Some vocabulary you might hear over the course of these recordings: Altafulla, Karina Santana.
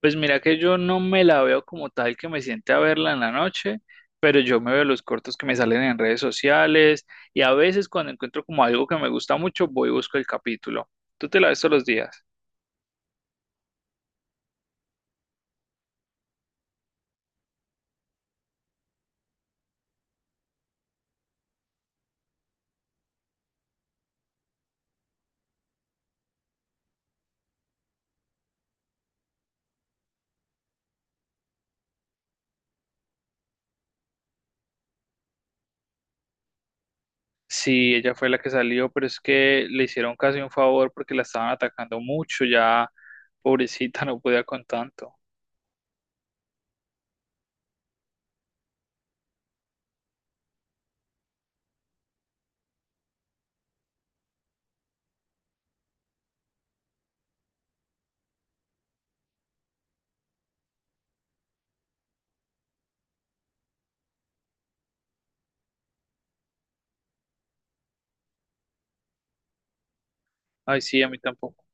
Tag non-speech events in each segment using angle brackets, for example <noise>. Pues mira que yo no me la veo como tal que me siente a verla en la noche, pero yo me veo los cortos que me salen en redes sociales y a veces cuando encuentro como algo que me gusta mucho, voy y busco el capítulo. ¿Tú te la ves todos los días? Sí, ella fue la que salió, pero es que le hicieron casi un favor porque la estaban atacando mucho, ya pobrecita <laughs> no podía con tanto. Ay, sí, a mí tampoco.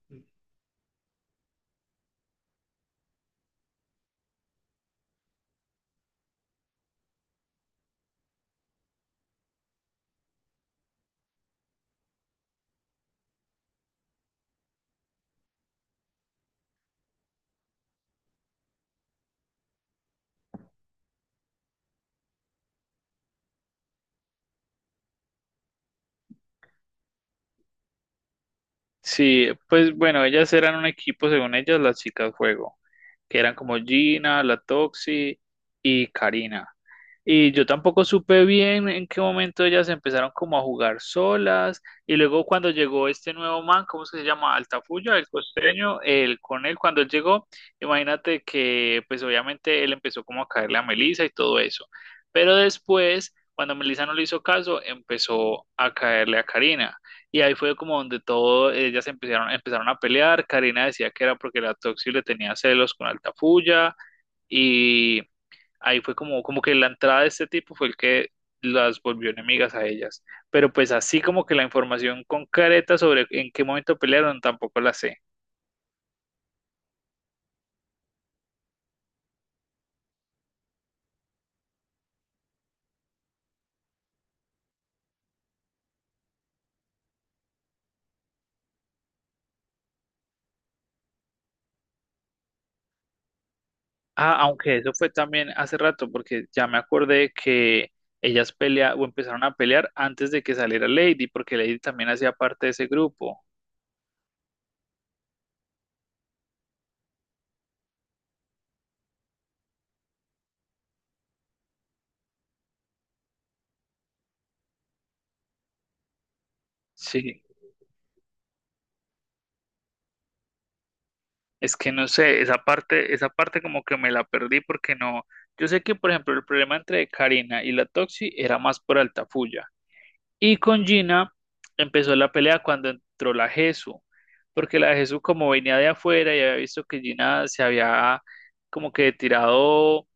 Sí, pues bueno, ellas eran un equipo, según ellas, las chicas juego. Que eran como Gina, la Toxi y Karina. Y yo tampoco supe bien en qué momento ellas empezaron como a jugar solas. Y luego cuando llegó este nuevo man, ¿cómo se llama? Altafulla, el costeño, cuando él llegó, imagínate que pues obviamente él empezó como a caerle a Melissa y todo eso. Pero después, cuando Melissa no le hizo caso, empezó a caerle a Karina. Y ahí fue como donde todo, ellas empezaron a pelear. Karina decía que era porque la Toxi le tenía celos con Altafulla. Y ahí fue como, como que la entrada de este tipo fue el que las volvió enemigas a ellas. Pero pues así como que la información concreta sobre en qué momento pelearon tampoco la sé. Ah, aunque eso fue también hace rato, porque ya me acordé que ellas pelea o empezaron a pelear antes de que saliera Lady, porque Lady también hacía parte de ese grupo. Sí. Es que no sé, esa parte como que me la perdí porque no. Yo sé que, por ejemplo, el problema entre Karina y la Toxi era más por Altafulla. Y con Gina empezó la pelea cuando entró la Jesu, porque la Jesu como venía de afuera y había visto que Gina se había como que tirado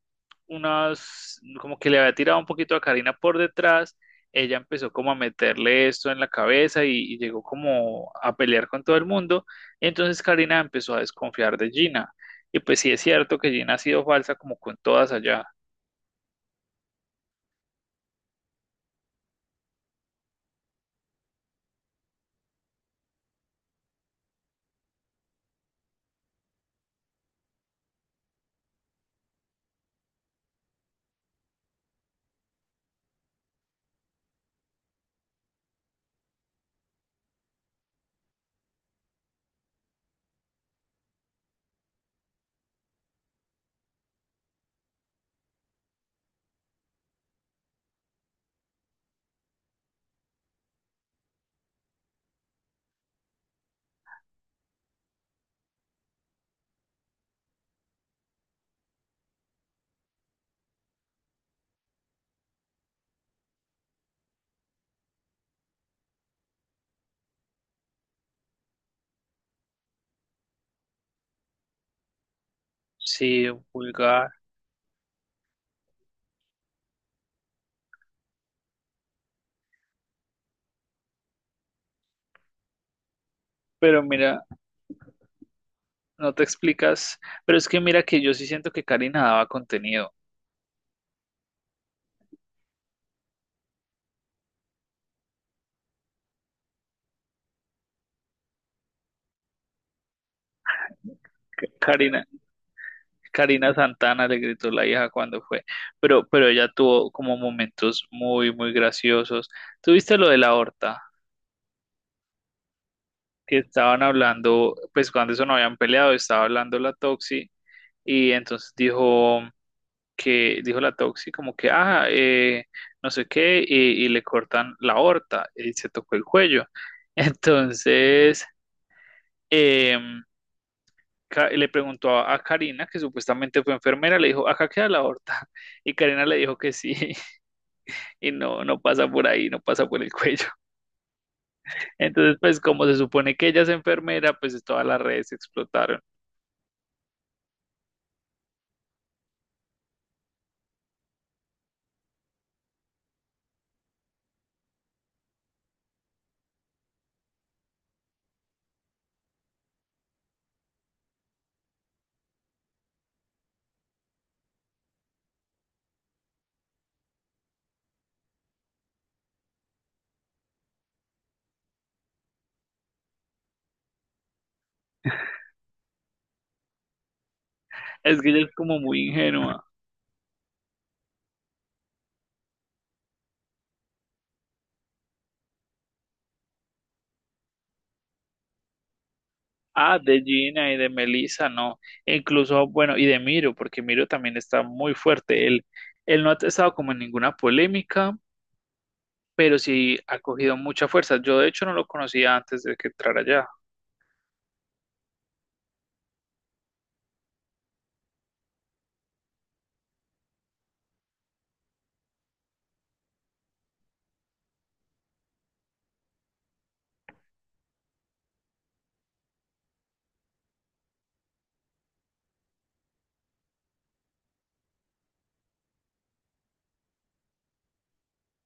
unas, como que le había tirado un poquito a Karina por detrás, ella empezó como a meterle esto en la cabeza y llegó como a pelear con todo el mundo, entonces Karina empezó a desconfiar de Gina, y pues sí es cierto que Gina ha sido falsa como con todas allá, sí, vulgar, pero mira, no te explicas, pero es que mira que yo sí siento que Karina daba contenido. Karina, Karina Santana le gritó la hija cuando fue, pero ella tuvo como momentos muy, muy graciosos. ¿Tuviste lo de la horta? Que estaban hablando, pues cuando eso no habían peleado, estaba hablando la Toxi y entonces dijo que, dijo la Toxi como que, no sé qué, y le cortan la horta y se tocó el cuello. <laughs> Entonces, em, le preguntó a Karina, que supuestamente fue enfermera, le dijo, acá queda la horta. <laughs> Y Karina le dijo que sí. Y no, no pasa por ahí, no pasa por el <laughs> cuello. Entonces, pues como se supone que ella es enfermera, pues todas las redes explotaron. Es que ella es como muy ingenua. Ah, de Gina y de Melissa, no. E incluso, bueno, y de Miro, porque Miro también está muy fuerte. Él no ha estado como en ninguna polémica, pero sí ha cogido mucha fuerza. Yo de hecho no lo conocía antes de que entrara allá.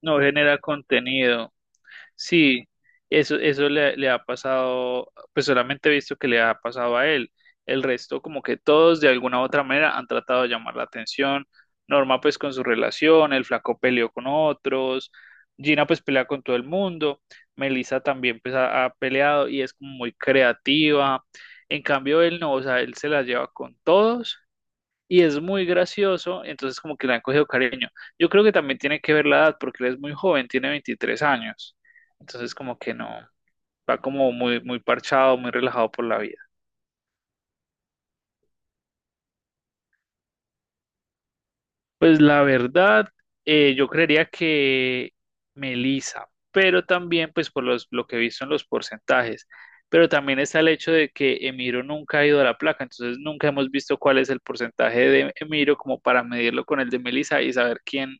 No genera contenido. Sí, eso le ha pasado, pues solamente he visto que le ha pasado a él. El resto, como que todos de alguna u otra manera han tratado de llamar la atención. Norma, pues con su relación, el flaco peleó con otros, Gina, pues pelea con todo el mundo, Melissa también, pues ha peleado y es como muy creativa. En cambio, él no, o sea, él se la lleva con todos y es muy gracioso, entonces como que le han cogido cariño. Yo creo que también tiene que ver la edad, porque él es muy joven, tiene 23 años, entonces como que no, va como muy, muy parchado, muy relajado por la vida. Pues la verdad, yo creería que Melissa, pero también pues por los, lo que he visto en los porcentajes, pero también está el hecho de que Emiro nunca ha ido a la placa, entonces nunca hemos visto cuál es el porcentaje de Emiro como para medirlo con el de Melissa y saber quién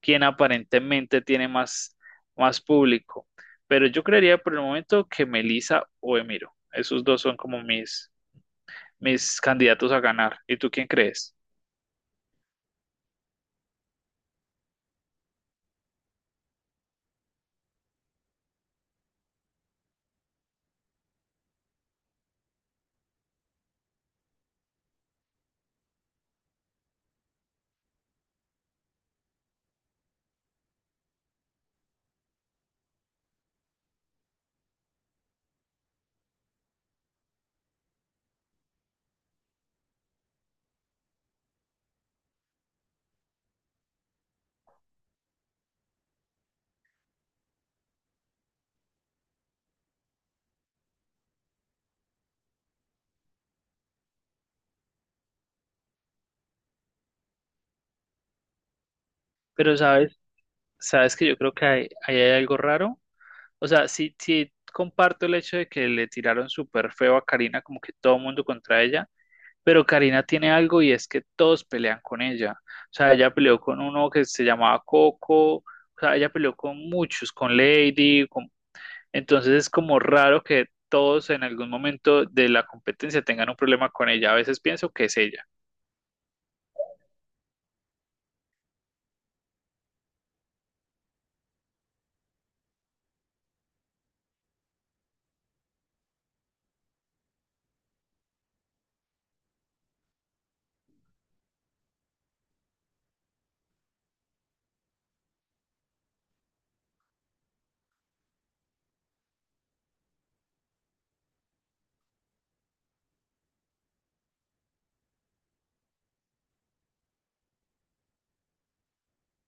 quien aparentemente tiene más, más público. Pero yo creería por el momento que Melissa o Emiro. Esos dos son como mis, mis candidatos a ganar. ¿Y tú quién crees? Pero sabes que yo creo que ahí hay algo raro. O sea, sí, sí comparto el hecho de que le tiraron súper feo a Karina, como que todo el mundo contra ella, pero Karina tiene algo y es que todos pelean con ella. O sea, ella peleó con uno que se llamaba Coco, o sea, ella peleó con muchos, con Lady, con. Entonces es como raro que todos en algún momento de la competencia tengan un problema con ella. A veces pienso que es ella.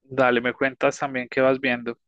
Dale, me cuentas también qué vas viendo.